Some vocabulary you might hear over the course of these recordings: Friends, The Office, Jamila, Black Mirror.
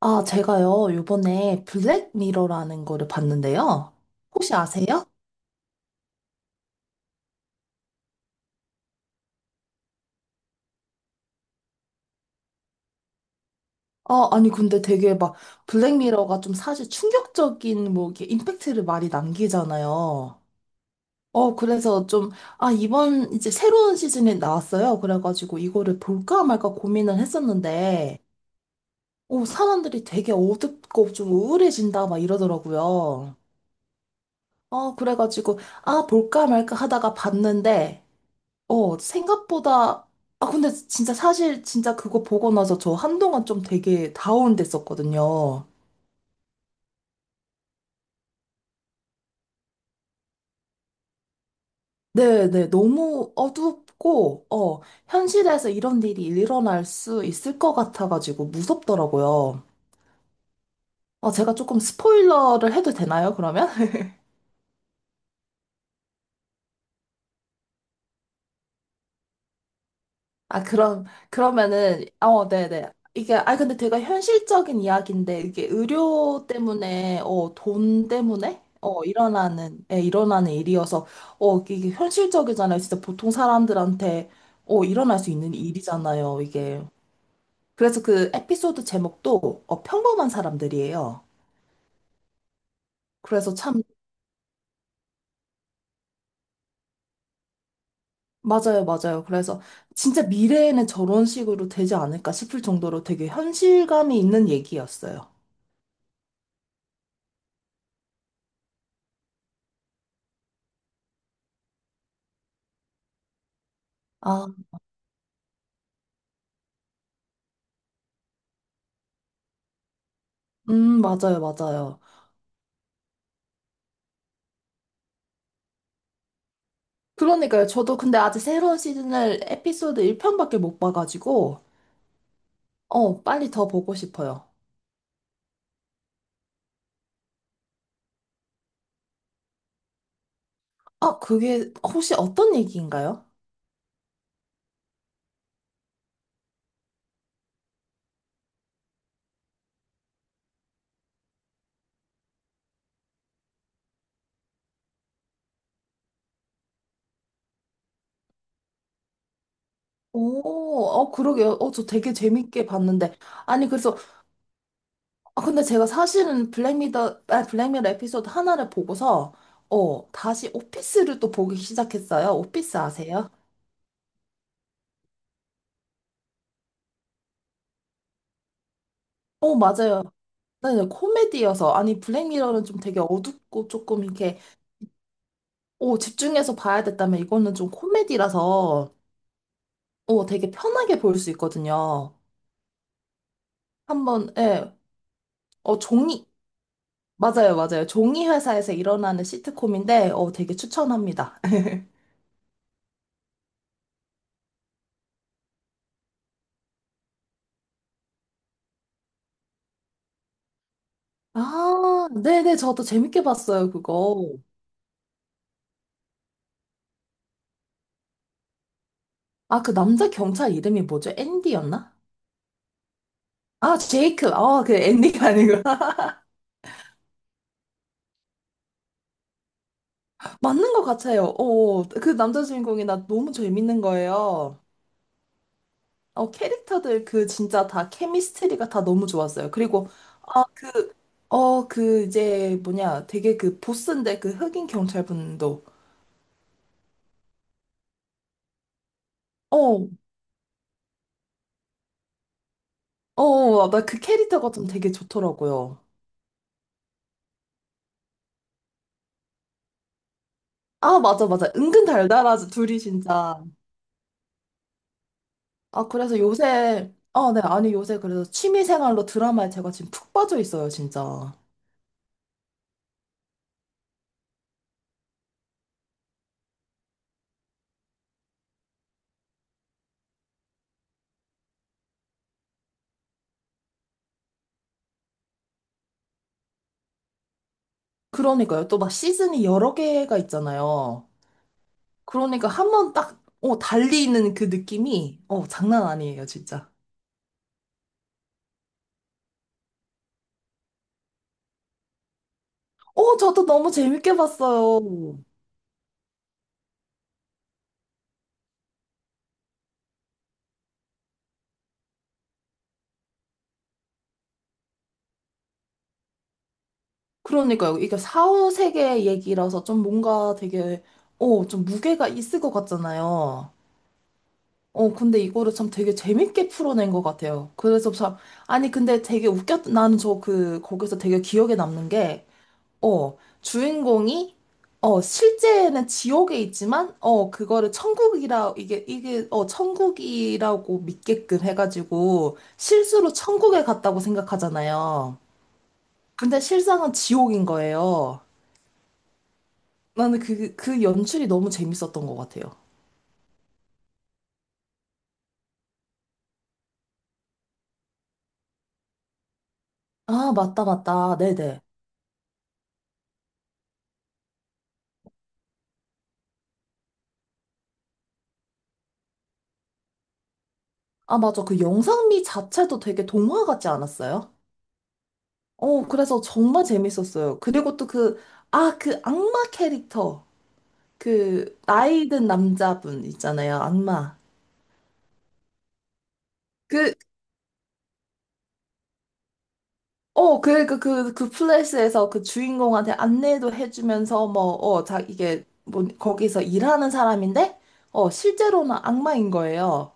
아, 제가요, 요번에 블랙미러라는 거를 봤는데요. 혹시 아세요? 아, 아니, 근데 되게 막, 블랙미러가 좀 사실 충격적인, 뭐, 이렇게 임팩트를 많이 남기잖아요. 그래서 좀, 아, 이번 이제 새로운 시즌이 나왔어요. 그래가지고 이거를 볼까 말까 고민을 했었는데, 사람들이 되게 어둡고 좀 우울해진다, 막 이러더라고요. 그래가지고, 아, 볼까 말까 하다가 봤는데, 생각보다, 아, 근데 진짜 사실 진짜 그거 보고 나서 저 한동안 좀 되게 다운됐었거든요. 네네, 너무 어둡고, 현실에서 이런 일이 일어날 수 있을 것 같아가지고 무섭더라고요. 아, 제가 조금 스포일러를 해도 되나요, 그러면? 아, 그럼, 그러면은, 네네. 이게, 아, 근데 되게 현실적인 이야기인데, 이게 의료 때문에, 돈 때문에, 일어나는, 예, 일어나는 일이어서, 이게 현실적이잖아요. 진짜 보통 사람들한테, 일어날 수 있는 일이잖아요, 이게. 그래서 그 에피소드 제목도, 평범한 사람들이에요. 그래서 참, 맞아요, 맞아요. 그래서 진짜 미래에는 저런 식으로 되지 않을까 싶을 정도로 되게 현실감이 있는 얘기였어요. 맞아요, 맞아요. 그러니까요. 저도 근데 아직 새로운 시즌을 에피소드 1편밖에 못 봐가지고, 빨리 더 보고 싶어요. 아, 그게 혹시 어떤 얘기인가요? 오, 그러게요. 저 되게 재밌게 봤는데. 아니, 그래서, 아, 근데 제가 사실은 블랙미러 에피소드 하나를 보고서, 다시 오피스를 또 보기 시작했어요. 오피스 아세요? 맞아요. 네, 네, 코미디여서. 아니, 블랙미러는 좀 되게 어둡고 조금 이렇게 오, 집중해서 봐야 됐다면 이거는 좀 코미디라서 되게 편하게 볼 수 있거든요. 한번, 예, 종이, 맞아요, 맞아요. 종이 회사에서 일어나는 시트콤인데, 되게 추천합니다. 아, 네네, 저도 재밌게 봤어요, 그거. 아, 그 남자 경찰 이름이 뭐죠? 앤디였나? 아, 제이크. 아, 그 앤디가 아니구나. 맞는 것 같아요. 그 남자 주인공이 나 너무 재밌는 거예요. 캐릭터들 그 진짜 다 케미스트리가 다 너무 좋았어요. 그리고 아, 그, 그 이제 뭐냐 되게 그 보스인데 그 흑인 경찰분도 어, 나 그 캐릭터가 좀 되게 좋더라고요. 아, 맞아, 맞아. 은근 달달하죠, 둘이 진짜. 아, 그래서 요새, 아, 네, 아니 요새 그래서 취미생활로 드라마에 제가 지금 푹 빠져 있어요, 진짜. 그러니까요. 또 막 시즌이 여러 개가 있잖아요. 그러니까 한 번 딱, 달리 있는 그 느낌이, 장난 아니에요, 진짜. 저도 너무 재밌게 봤어요. 그러니까요. 이게 사후세계 얘기라서 좀 뭔가 되게, 좀 무게가 있을 것 같잖아요. 근데 이거를 참 되게 재밌게 풀어낸 것 같아요. 그래서 참, 아니, 근데 되게 웃겼, 나는 저 그, 거기서 되게 기억에 남는 게, 어, 주인공이, 실제는 지옥에 있지만, 그거를 천국이라, 이게 천국이라고 믿게끔 해가지고, 실수로 천국에 갔다고 생각하잖아요. 근데 실상은 지옥인 거예요. 나는 그 연출이 너무 재밌었던 것 같아요. 아, 맞다, 맞다. 네네. 아, 맞아. 그 영상미 자체도 되게 동화 같지 않았어요? 그래서 정말 재밌었어요. 그리고 또 그 악마 캐릭터. 그, 나이 든 남자분 있잖아요. 악마. 그, 그 플래시에서 그 주인공한테 안내도 해주면서 뭐, 자, 이게, 뭐, 거기서 일하는 사람인데, 실제로는 악마인 거예요.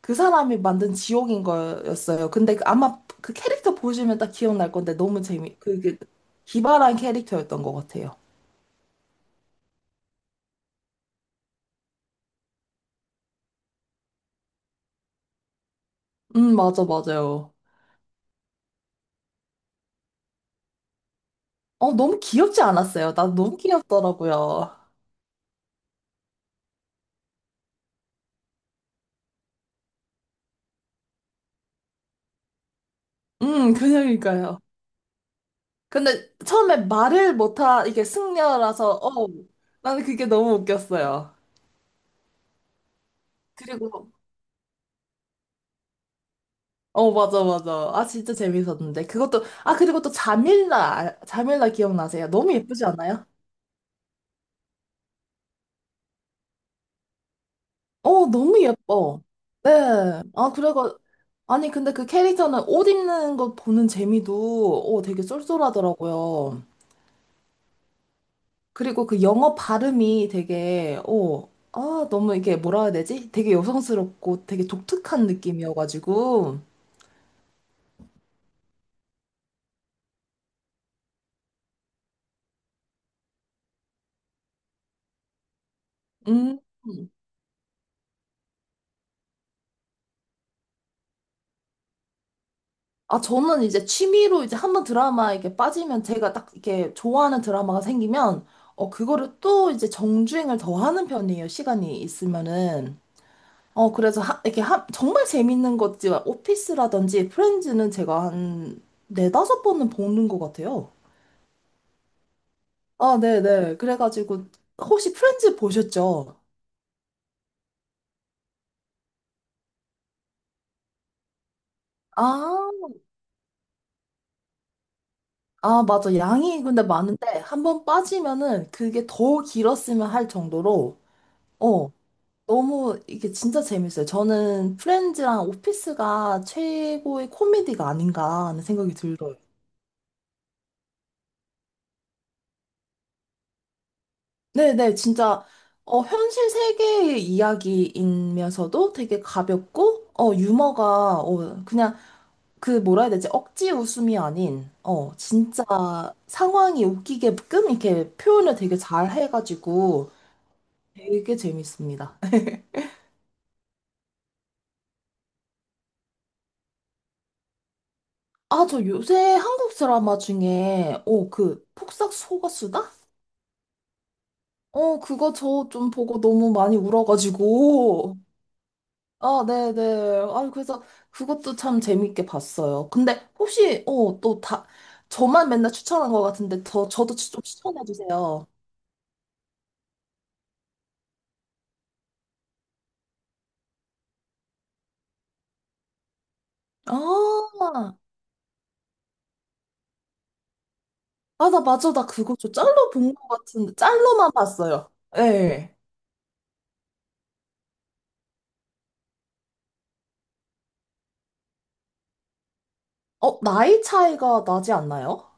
그 사람이 만든 지옥인 거였어요. 근데 아마 그 캐릭터 보시면 딱 기억날 건데 너무 재미, 그게 기발한 캐릭터였던 것 같아요. 맞아, 맞아요. 너무 귀엽지 않았어요? 나 너무 귀엽더라고요. 그냥이니까요. 근데 처음에 말을 못하, 이게 승려라서, 나는 그게 너무 웃겼어요. 그리고, 맞아, 맞아. 아, 진짜 재밌었는데. 그것도, 아, 그리고 또 자밀라 기억나세요? 너무 예쁘지 않아요? 너무 예뻐. 네. 아, 그래가, 아니, 근데 그 캐릭터는 옷 입는 거 보는 재미도, 되게 쏠쏠하더라고요. 그리고 그 영어 발음이 되게, 아, 너무 이게 뭐라 해야 되지? 되게 여성스럽고 되게 독특한 느낌이어가지고, 음. 아, 저는 이제 취미로 이제 한번 드라마 이렇게 빠지면 제가 딱 이렇게 좋아하는 드라마가 생기면, 그거를 또 이제 정주행을 더 하는 편이에요. 시간이 있으면은. 그래서 하, 이렇게 하, 정말 재밌는 것지 오피스라든지 프렌즈는 제가 한 네다섯 번은 보는 것 같아요. 아, 네네. 그래가지고 혹시 프렌즈 보셨죠? 아, 아, 맞아. 양이 근데 많은데 한번 빠지면은 그게 더 길었으면 할 정도로 어, 너무 이게 진짜 재밌어요. 저는 프렌즈랑 오피스가 최고의 코미디가 아닌가 하는 생각이 들어요. 네네, 진짜, 현실 세계의 이야기이면서도 되게 가볍고, 유머가, 그냥, 그, 뭐라 해야 되지? 억지 웃음이 아닌, 진짜 상황이 웃기게끔 이렇게 표현을 되게 잘 해가지고 되게 재밌습니다. 아, 저 요새 한국 드라마 중에, 그, 폭삭 속았수다? 그거 저 좀 보고 너무 많이 울어가지고. 아, 네네. 아, 그래서 그것도 참 재밌게 봤어요. 근데 혹시, 또 다, 저만 맨날 추천한 것 같은데, 더, 저도 좀 추천해주세요. 아, 아, 나 맞아. 나 그거 저 짤로 본 것 같은데, 짤로만 봤어요. 예. 나이 차이가 나지 않나요?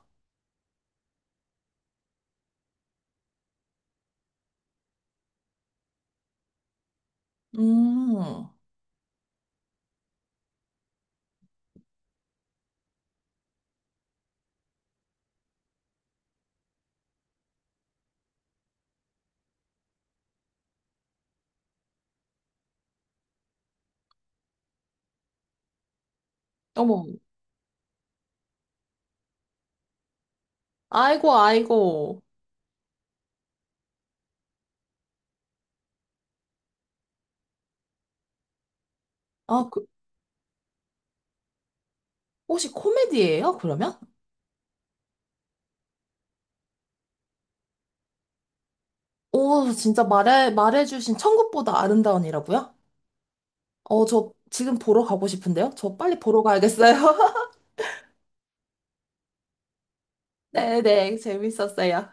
음, 어머. 아이고, 아이고. 아, 그, 혹시 코미디예요, 그러면? 오, 진짜 말해주신 천국보다 아름다운이라고요? 저 지금 보러 가고 싶은데요? 저 빨리 보러 가야겠어요. 네네, 재밌었어요.